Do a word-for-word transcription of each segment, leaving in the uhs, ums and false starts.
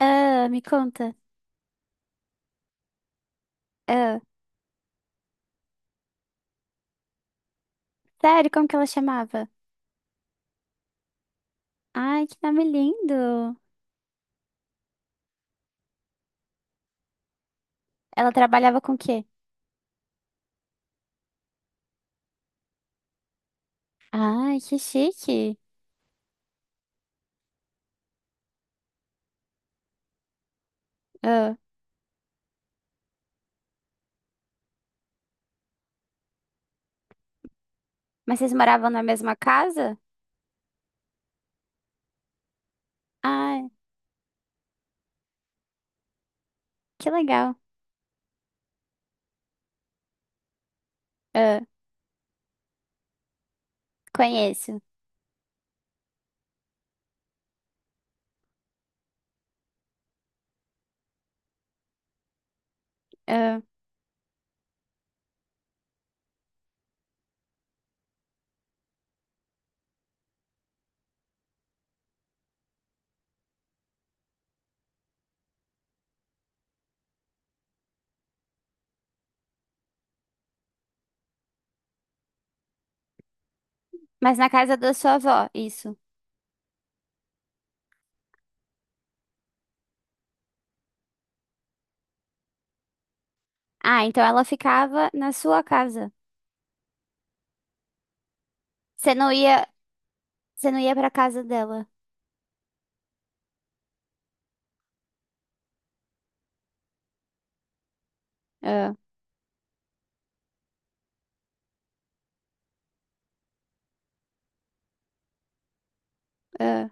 Ah, me conta. Ah, sério, como que ela chamava? Ai, que nome lindo. Ela trabalhava com o quê? Ai, que chique. Ah, mas vocês moravam na mesma casa? Ai, que legal. Ah, conheço. Ah, mas na casa da sua avó, isso. Ah, então ela ficava na sua casa. Você não ia, você não ia pra casa dela. Ah, ah,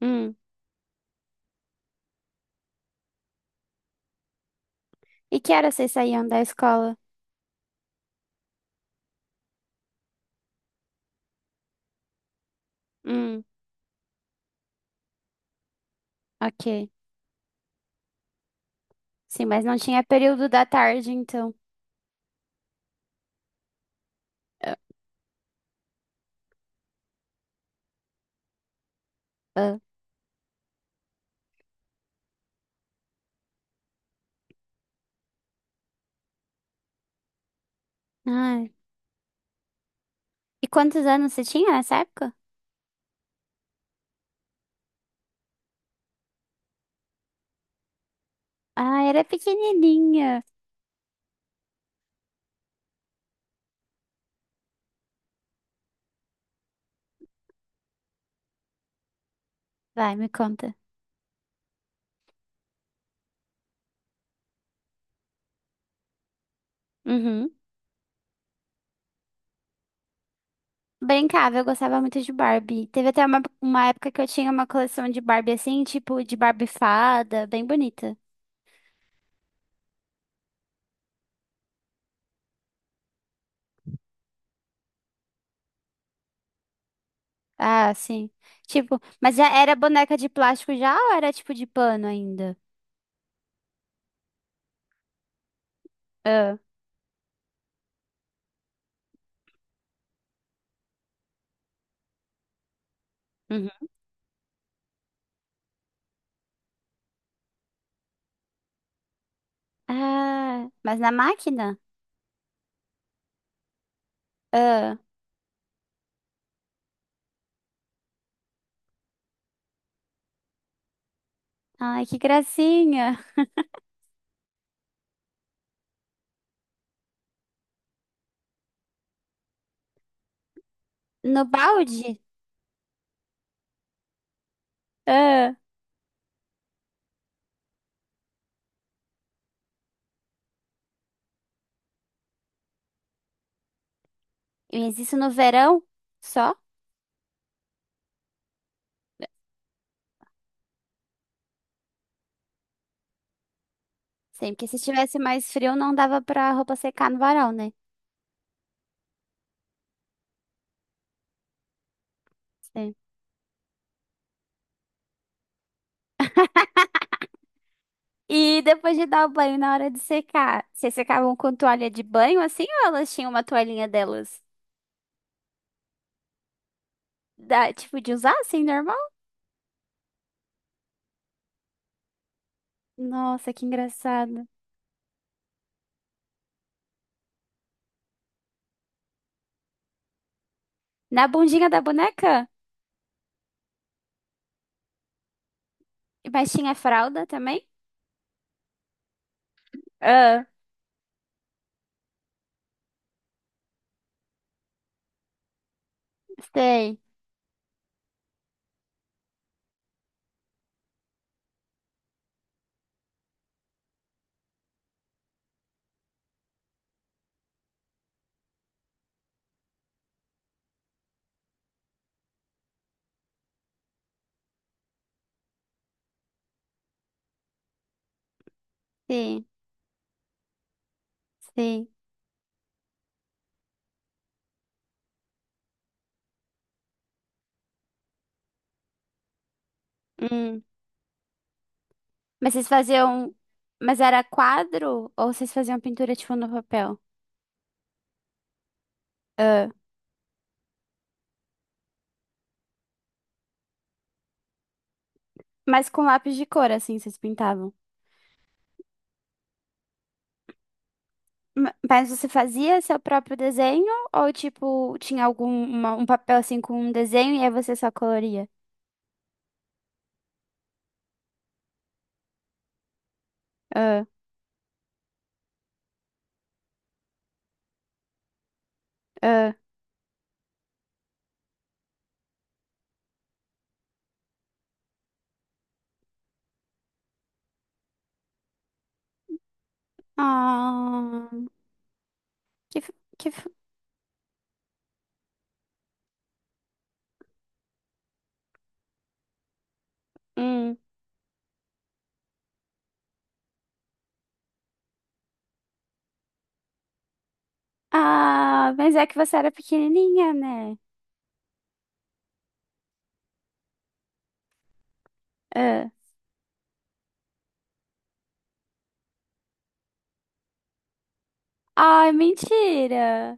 hum. E que horas vocês saíam da escola? Hum, ok. Sim, mas não tinha período da tarde, então. Ah, ah. Ai. E quantos anos você tinha nessa época? Ah, era pequenininha. Vai, me conta. Uhum. Brincava, eu gostava muito de Barbie. Teve até uma, uma época que eu tinha uma coleção de Barbie assim, tipo de Barbie fada, bem bonita. Ah, sim. Tipo, mas já era boneca de plástico já ou era tipo de pano ainda? Ah, uhum. Ah, mas na máquina? Ah, ai, que gracinha. No balde? Ah, mas isso no verão? Só? Sim, porque se estivesse mais frio, não dava pra roupa secar no varal, né? Sim. E depois de dar o banho, na hora de secar, vocês secavam com toalha de banho assim ou elas tinham uma toalhinha delas? Da, tipo, de usar assim, normal? Nossa, que engraçado. Na bundinha da boneca? Mas tinha fralda também? Ah, sei, sim, sim. Hum. Mas vocês faziam. Mas era quadro ou vocês faziam pintura tipo no papel? Ah. Mas com lápis de cor, assim, vocês pintavam? Ma- Mas você fazia seu próprio desenho ou tipo tinha algum uma- um papel assim com um desenho e aí você só coloria? Ah, ah, ah, que f- que f- hum. Ah, mas é que você era pequenininha, né? Ah. Ai, mentira.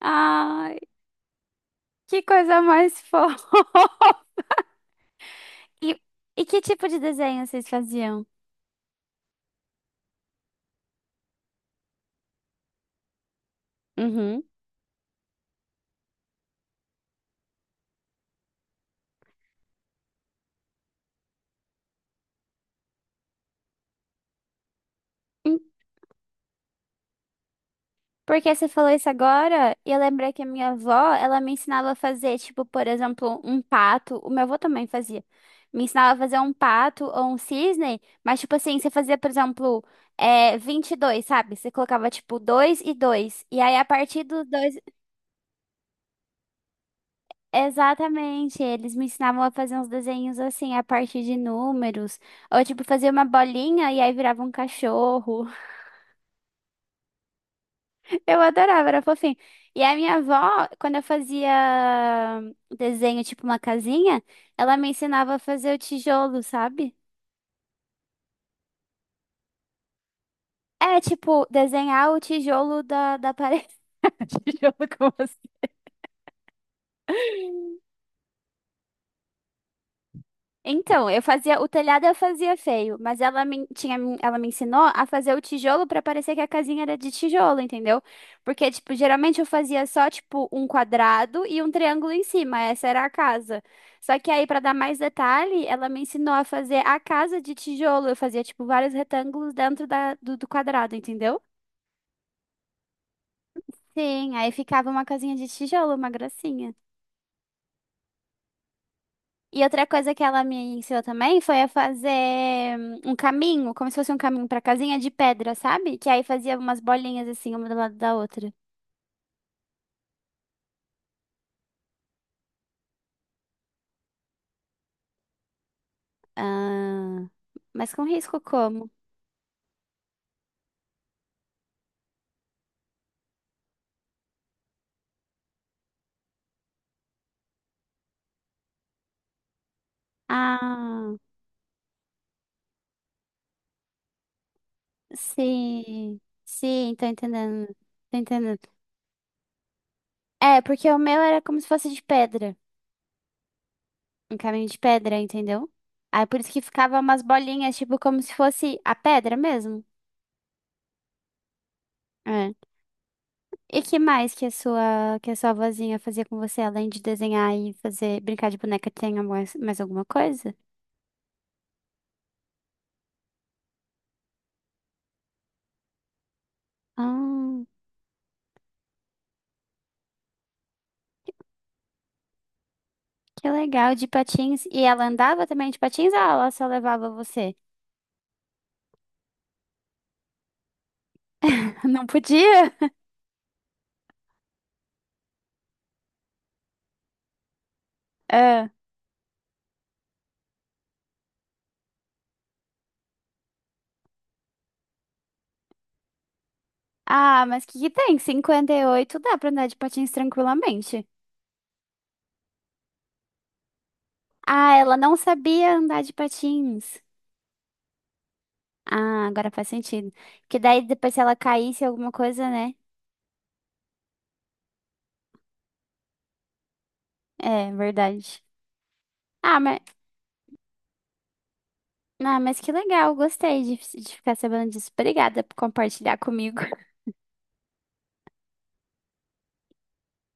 Ai, que coisa mais fofa. E, e que tipo de desenho vocês faziam? Uhum. Porque você falou isso agora, e eu lembrei que a minha avó, ela me ensinava a fazer, tipo, por exemplo, um pato. O meu avô também fazia. Me ensinava a fazer um pato ou um cisne, mas, tipo assim, você fazia, por exemplo, é, vinte e dois, sabe? Você colocava, tipo, dois e dois. E aí, a partir dos dois. Exatamente, eles me ensinavam a fazer uns desenhos assim, a partir de números. Ou, tipo, fazia uma bolinha e aí virava um cachorro. Eu adorava, era fofinho. E a minha avó, quando eu fazia desenho, tipo uma casinha, ela me ensinava a fazer o tijolo, sabe? É, tipo, desenhar o tijolo da, da parede. Tijolo como. Então, eu fazia o telhado, eu fazia feio, mas ela me, tinha, me- ela me ensinou a fazer o tijolo pra parecer que a casinha era de tijolo, entendeu? Porque, tipo, geralmente eu fazia só, tipo, um quadrado e um triângulo em cima, essa era a casa. Só que aí, pra dar mais detalhe, ela me ensinou a fazer a casa de tijolo. Eu fazia, tipo, vários retângulos dentro da, do, do quadrado, entendeu? Sim, aí ficava uma casinha de tijolo, uma gracinha. E outra coisa que ela me ensinou também foi a fazer hum, um caminho, como se fosse um caminho pra casinha de pedra, sabe? Que aí fazia umas bolinhas assim, uma do lado da outra. Ah, mas com risco como? Ah, sim. Sim, tô entendendo. Tô entendendo. É, porque o meu era como se fosse de pedra. Um caminho de pedra, entendeu? Aí por isso que ficava umas bolinhas, tipo, como se fosse a pedra mesmo. É. E que mais que a sua, que a sua vozinha fazia com você, além de desenhar e fazer brincar de boneca, tem mais, mais alguma coisa? Ah, que legal, de patins. E ela andava também de patins ou ela só levava você? Não podia? Ah, ah, mas que que tem? Cinquenta e oito dá pra andar de patins tranquilamente. Ah, ela não sabia andar de patins. Ah, agora faz sentido. Porque daí depois se ela caísse alguma coisa, né? É, verdade. Ah, mas ah, mas que legal, gostei de, de ficar sabendo disso. Obrigada por compartilhar comigo.